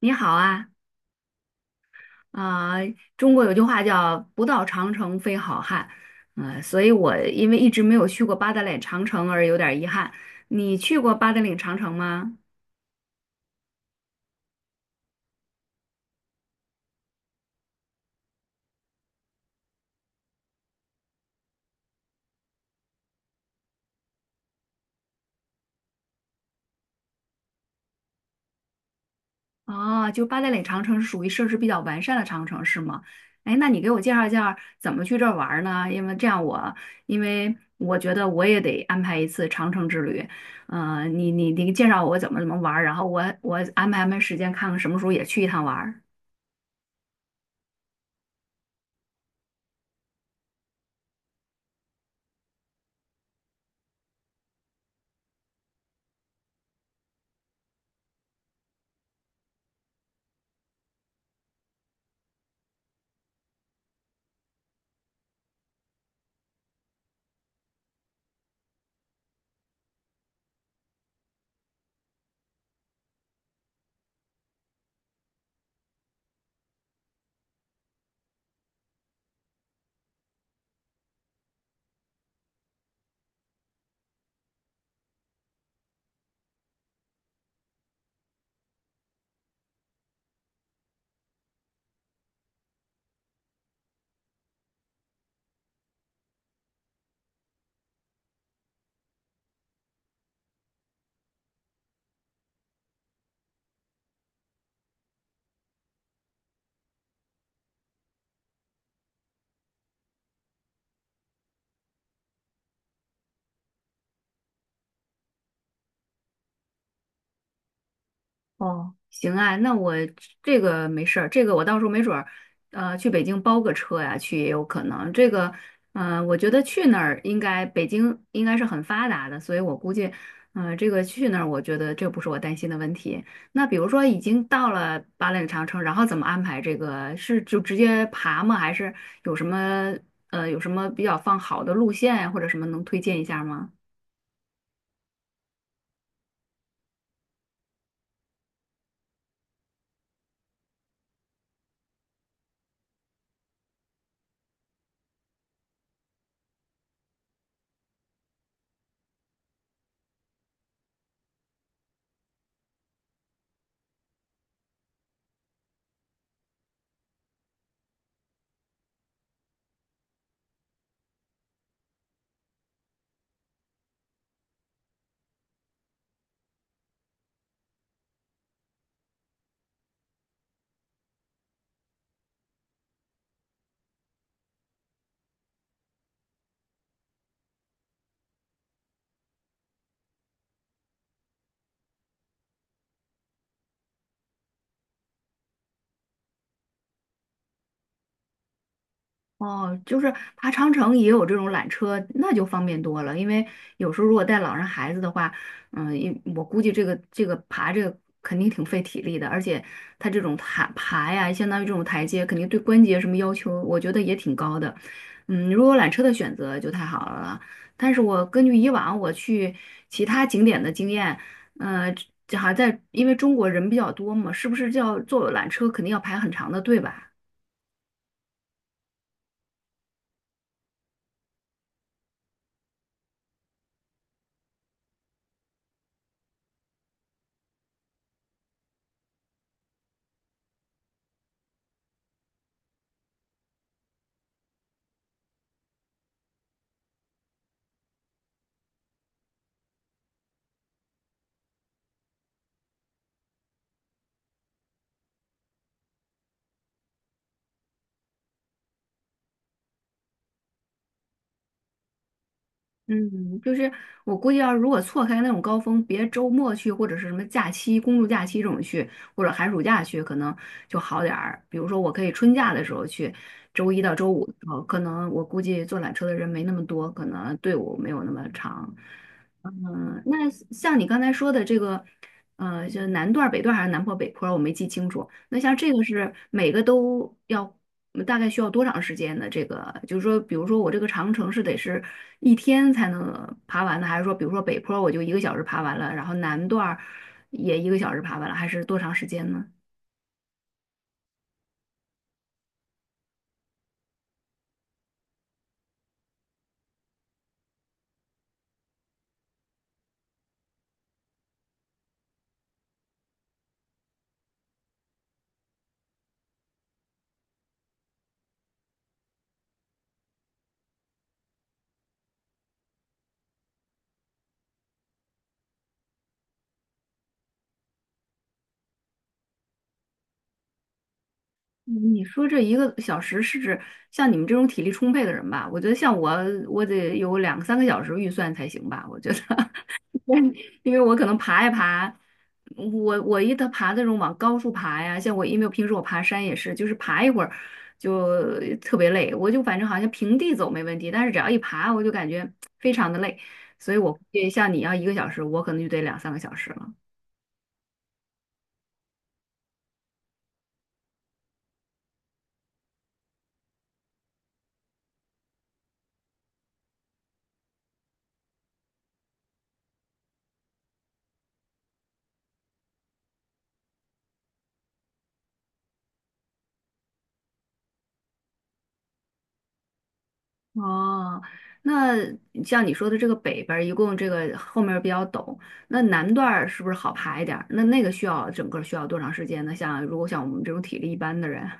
你好啊。啊、中国有句话叫"不到长城非好汉"，所以我因为一直没有去过八达岭长城而有点儿遗憾。你去过八达岭长城吗？哦，就八达岭长城是属于设施比较完善的长城是吗？哎，那你给我介绍一下怎么去这儿玩儿呢？因为我觉得我也得安排一次长城之旅。你介绍我怎么玩儿，然后我安排安排时间，看看什么时候也去一趟玩儿。哦，行啊，那我这个没事儿，这个我到时候没准儿，去北京包个车呀，去也有可能。这个，我觉得去那儿应该北京应该是很发达的，所以我估计，嗯，这个去那儿，我觉得这不是我担心的问题。那比如说已经到了八岭长城，然后怎么安排这个？是就直接爬吗？还是有什么有什么比较放好的路线呀，或者什么能推荐一下吗？哦，就是爬长城也有这种缆车，那就方便多了。因为有时候如果带老人孩子的话，嗯，我估计这个爬这个肯定挺费体力的，而且它这种爬爬呀，相当于这种台阶，肯定对关节什么要求，我觉得也挺高的。嗯，如果有缆车的选择就太好了。但是我根据以往我去其他景点的经验，呃，这好像在因为中国人比较多嘛，是不是叫坐缆车肯定要排很长的队吧？嗯，就是我估计要是如果错开那种高峰，别周末去或者是什么假期、公众假期这种去，或者寒暑假去，可能就好点儿。比如说，我可以春假的时候去，周一到周五的时候，可能我估计坐缆车的人没那么多，可能队伍没有那么长。嗯，那像你刚才说的这个。就是南段儿北段儿还是南坡、北坡儿我没记清楚。那像这个是每个都要，大概需要多长时间的？这个就是说，比如说我这个长城是得是一天才能爬完的，还是说，比如说北坡儿我就一个小时爬完了，然后南段儿也一个小时爬完了，还是多长时间呢？嗯，你说这一个小时是指像你们这种体力充沛的人吧？我觉得像我得有两三个小时预算才行吧，我觉得。因为我可能爬一爬，我爬那种往高处爬呀，像我因为我平时我爬山也是，就是爬一会儿就特别累，我就反正好像平地走没问题，但是只要一爬我就感觉非常的累，所以我估计像你要一个小时，我可能就得两三个小时了。哦，那像你说的这个北边儿一共这个后面儿比较陡，那南段儿是不是好爬一点儿？那个需要整个儿需要多长时间呢？像如果像我们这种体力一般的人。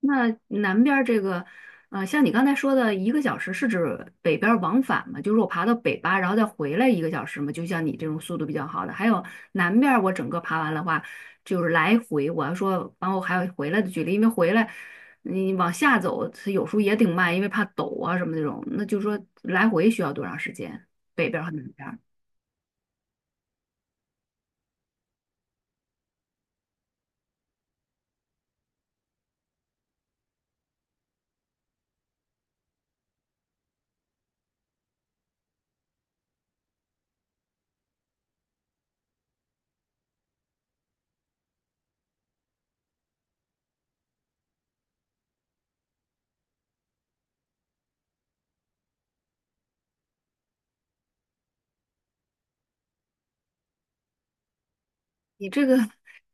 那南边儿这个，像你刚才说的一个小时，是指北边儿往返吗？就是我爬到北巴，然后再回来一个小时吗？就像你这种速度比较好的，还有南边儿我整个爬完的话，就是来回，我要说，然后还有回来的距离，因为回来你往下走，它有时候也挺慢，因为怕陡啊什么那种。那就说来回需要多长时间？北边儿和南边儿？你这个，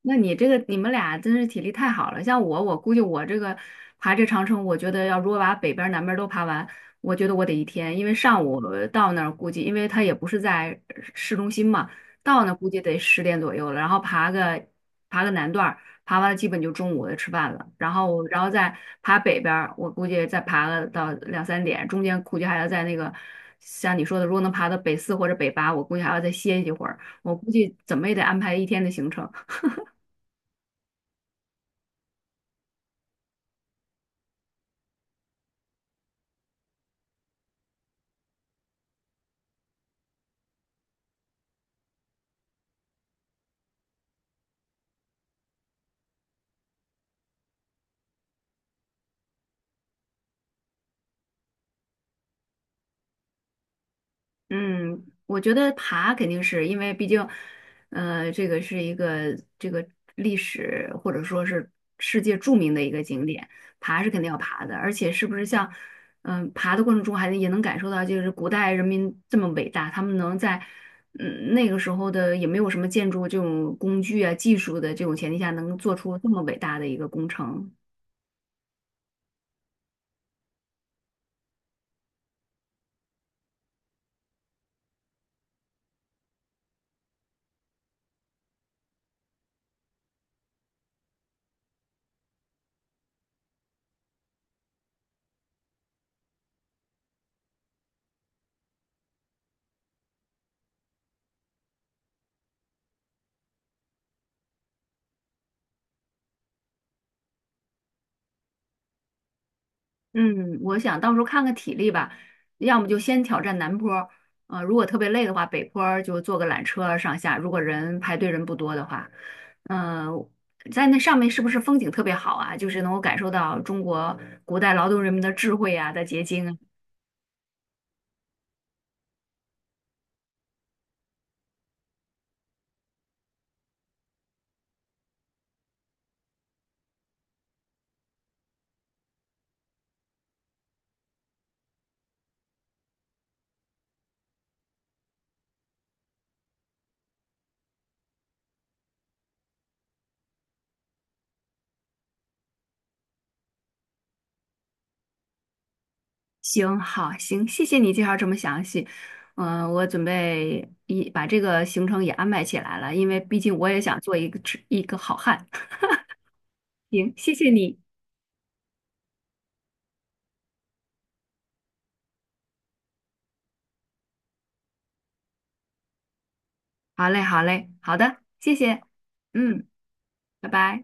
你这个，你们俩真是体力太好了。像我估计我这个爬这长城，我觉得如果把北边儿南边儿都爬完，我觉得我得一天，因为上午到那儿估计，因为他也不是在市中心嘛，到那儿估计得10点左右了，然后爬个南段儿，爬完了基本就中午就吃饭了，然后再爬北边儿，我估计再爬个到2、3点，中间估计还要在像你说的，如果能爬到北四或者北八，我估计还要再歇一会儿。我估计怎么也得安排一天的行程。嗯，我觉得爬肯定是因为毕竟，这个是一个历史或者说是世界著名的一个景点，爬是肯定要爬的。而且是不是像，嗯，爬的过程中也能感受到，就是古代人民这么伟大，他们能在。嗯，那个时候的也没有什么建筑这种工具啊、技术的这种前提下，能做出这么伟大的一个工程。嗯，我想到时候看看体力吧，要么就先挑战南坡儿，如果特别累的话，北坡儿就坐个缆车上下，如果人排队人不多的话，嗯、在那上面是不是风景特别好啊？就是能够感受到中国古代劳动人民的智慧啊的结晶啊。行，好，行，谢谢你介绍这么详细，我准备一把这个行程也安排起来了，因为毕竟我也想做一个好汉。行，谢谢你，好嘞，好嘞，好的，谢谢，嗯。拜拜。